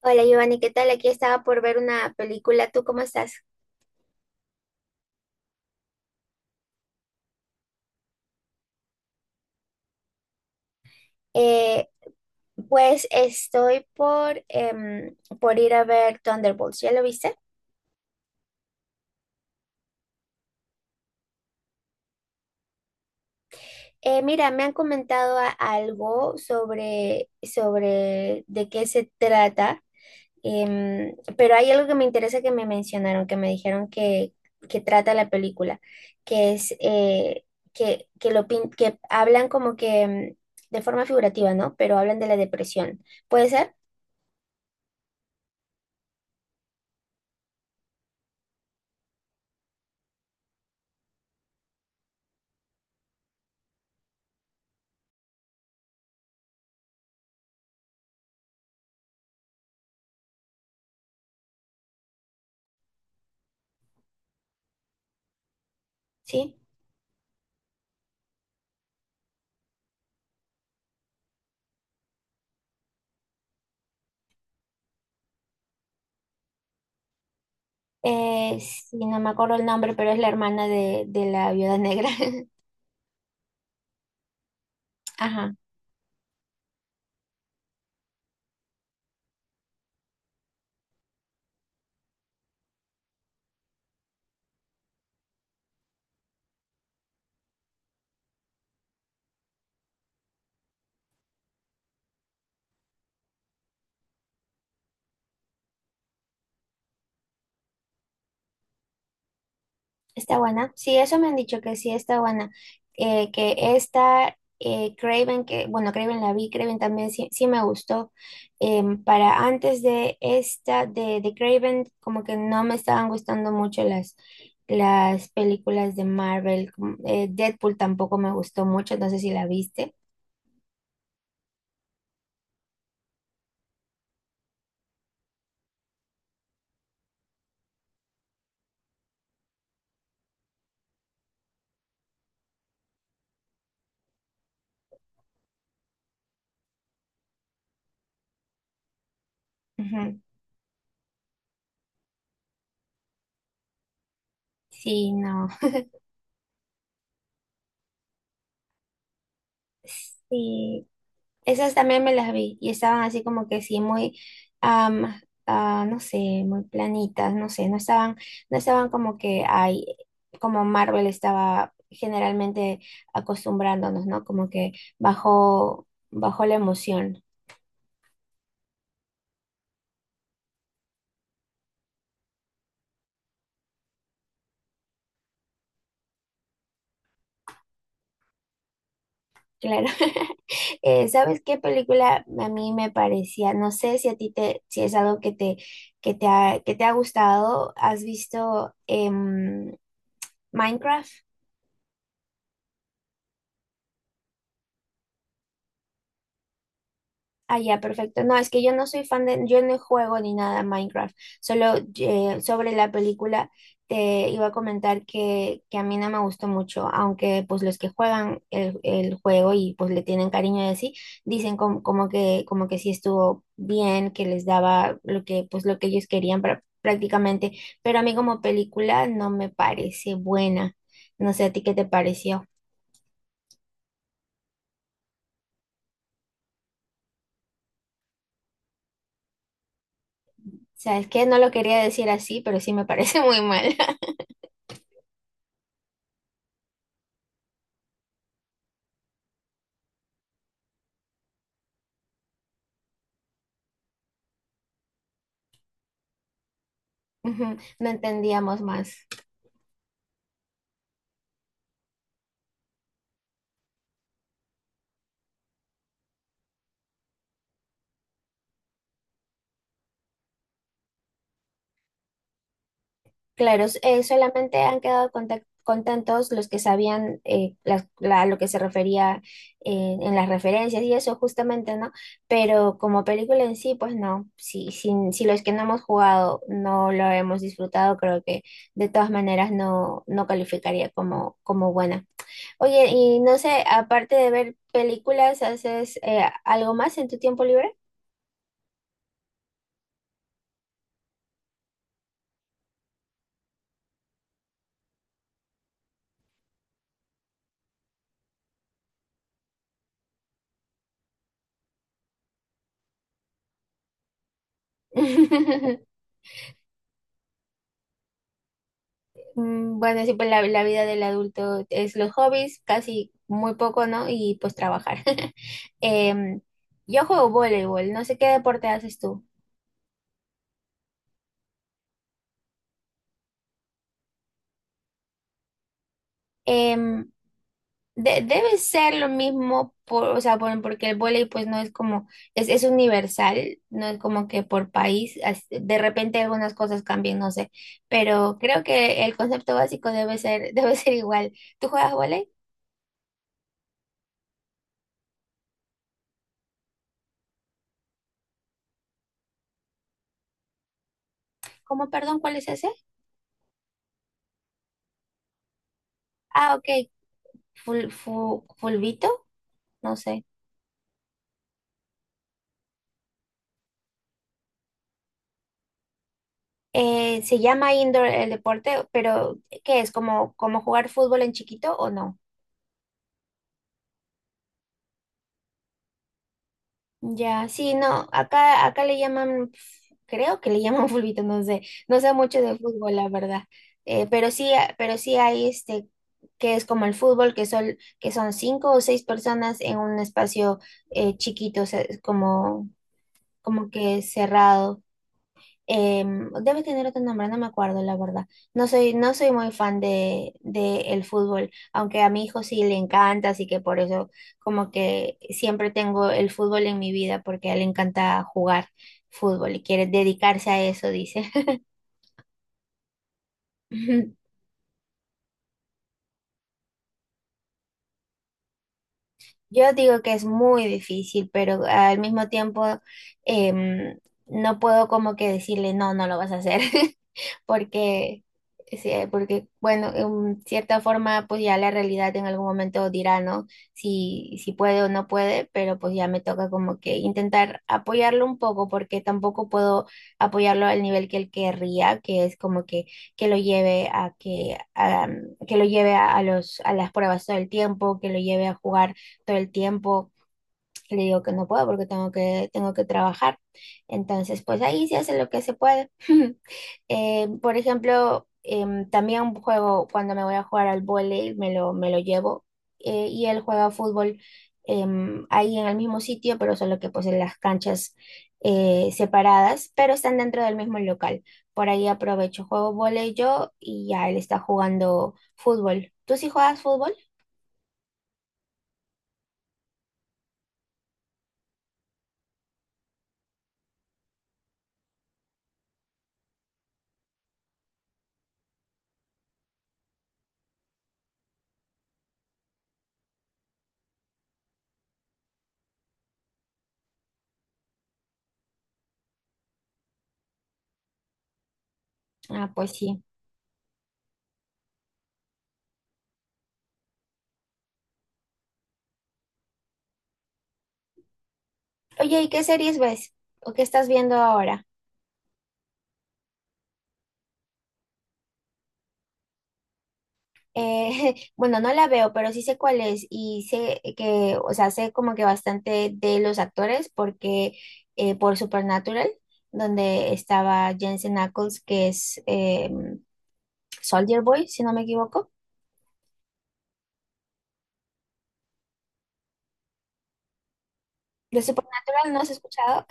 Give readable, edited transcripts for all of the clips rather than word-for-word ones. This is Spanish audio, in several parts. Hola Giovanni, ¿qué tal? Aquí estaba por ver una película. ¿Tú cómo estás? Eh, pues estoy por ir a ver Thunderbolts. ¿Ya lo viste? Mira, me han comentado algo sobre de qué se trata, pero hay algo que me interesa que me mencionaron, que me dijeron que trata la película, que es que hablan como que de forma figurativa, ¿no? Pero hablan de la depresión. ¿Puede ser? Sí. Sí, no me acuerdo el nombre, pero es la hermana de la viuda negra. Ajá, está buena. Sí, eso me han dicho que sí está buena. Que esta Craven, que bueno, Craven la vi, Craven también sí, sí me gustó. Para antes de esta, de Craven, como que no me estaban gustando mucho las películas de Marvel. Deadpool tampoco me gustó mucho, no sé si la viste. Ujú. Sí, no. Sí, esas también me las vi y estaban así como que am, no sé, muy planitas, no sé, no no estaban como que hay, como Marvel estaba generalmente acostumbrándonos, ¿no? Como que bajó la emoción, claro. ¿Sabes qué película a mí me parecía? No sé si a ti si es algo que que te ha gustado. ¿Has visto Minecraft? Ah, ya, perfecto. No, es que yo no soy fan de, yo no juego ni nada a Minecraft. Solo sobre la película te iba a comentar que a mí no me gustó mucho, aunque pues los que juegan el juego y pues le tienen cariño de así, dicen como como que sí estuvo bien, que les daba lo que, pues lo que ellos querían prácticamente, pero a mí como película no me parece buena. No sé a ti qué te pareció. Sabes que no lo quería decir así, pero sí me parece muy mal. Ujú, no entendíamos más. Claro, solamente han quedado contentos los que sabían lo que se refería en las referencias y eso justamente, ¿no? Pero como película en sí, pues no. Si, si, si los que no hemos jugado no lo hemos disfrutado, creo que de todas maneras no calificaría como, como buena. Oye, y no sé, aparte de ver películas, ¿haces algo más en tu tiempo libre? Mm, bueno, sí, pues la vida del adulto es los hobbies, casi muy poco, ¿no? Y pues trabajar. Em, yo juego voleibol, no sé qué deporte haces tú. Em, debe ser lo mismo, o sea, porque el voleibol pues no es como, es universal, no es como que por país, de repente algunas cosas cambian, no sé, pero creo que el concepto básico debe debe ser igual. ¿Tú juegas voleibol? ¿Cómo, perdón, cuál es ese? Ah, ok, fulvito. No sé. Se llama indoor el deporte, pero ¿qué es? ¿Como, como jugar fútbol en chiquito o no? Ya, sí, no, acá le llaman, creo que le llaman fulbito, no sé, no sé mucho de fútbol, la verdad. Pero sí, pero sí hay este, que es como el fútbol, que son 5 o 6 personas en un espacio chiquito, o sea, es como, como que cerrado. Eh, debe tener otro nombre, no me acuerdo, la verdad. No soy muy fan de el fútbol, aunque a mi hijo sí le encanta, así que por eso como que siempre tengo el fútbol en mi vida, porque a él le encanta jugar fútbol y quiere dedicarse a eso, dice. Yo digo que es muy difícil, pero al mismo tiempo em, no puedo como que decirle, no, no lo vas a hacer. porque, sí, porque bueno, en cierta forma, pues ya la realidad en algún momento dirá, ¿no? Si, si puede o no puede, pero pues ya me toca como que intentar apoyarlo un poco, porque tampoco puedo apoyarlo al nivel que él querría, que es como que lo lleve a, que lo lleve a a las pruebas todo el tiempo, que lo lleve a jugar todo el tiempo le digo que no puedo porque tengo tengo que trabajar. Entonces, pues ahí se hace lo que se puede. Por ejemplo, em, también juego cuando me voy a jugar al vóley, me lo llevo y él juega fútbol em, ahí en el mismo sitio, pero solo que pues en las canchas separadas, pero están dentro del mismo local. Por ahí aprovecho, juego vóley yo y ya él está jugando fútbol. ¿Tú sí juegas fútbol? Ah, pues sí. Oye, ¿y qué series ves? ¿O qué estás viendo ahora? Bueno, no la veo, pero sí sé cuál es y sé o sea, sé como que bastante de los actores porque por Supernatural, donde estaba Jensen Ackles, que es Soldier Boy, si no me equivoco. De Supernatural no has escuchado.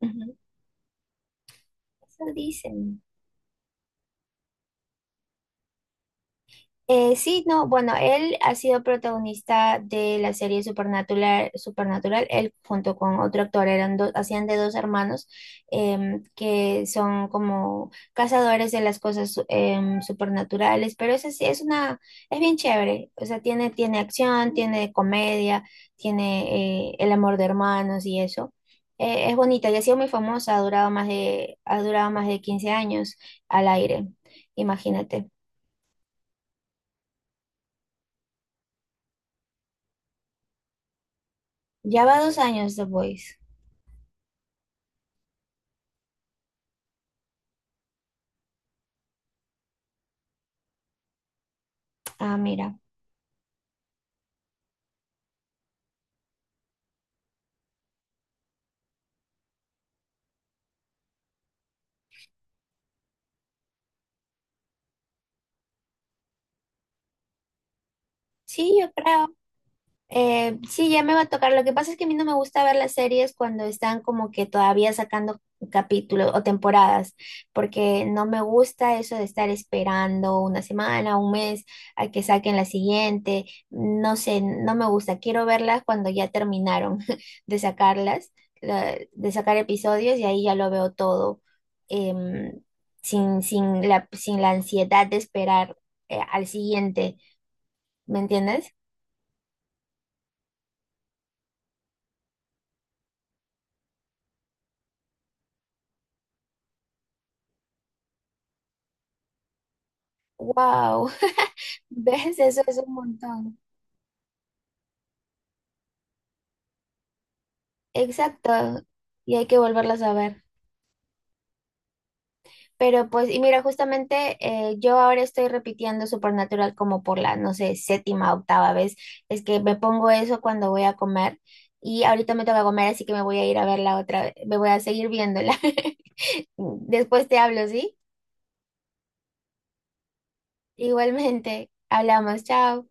Ujú. Eso dicen. Sí, no, bueno, él ha sido protagonista de la serie Supernatural, Supernatural, él junto con otro actor, eran dos, hacían de dos hermanos que son como cazadores de las cosas supernaturales, pero es así, es una, es bien chévere, o sea, tiene acción, tiene comedia, tiene el amor de hermanos y eso. Es bonita y ha sido muy famosa, ha durado más ha durado más de 15 años al aire, imagínate. Ya va 2 años The Voice. Ah, mira. Sí, yo creo. Sí, ya me va a tocar. Lo que pasa es que a mí no me gusta ver las series cuando están como que todavía sacando capítulos o temporadas, porque no me gusta eso de estar esperando una semana, un mes a que saquen la siguiente. No sé, no me gusta. Quiero verlas cuando ya terminaron de sacarlas, de sacar episodios y ahí ya lo veo todo, em, sin la ansiedad de esperar, al siguiente. ¿Me entiendes? Wow. ¿Ves? Eso es un montón. Exacto. Y hay que volverlas a ver. Pero pues, y mira, justamente yo ahora estoy repitiendo Supernatural como por la, no sé, séptima, octava vez. Es que me pongo eso cuando voy a comer. Y ahorita me toca comer, así que me voy a ir a verla otra vez. Me voy a seguir viéndola. Después te hablo, ¿sí? Igualmente. Hablamos. Chao.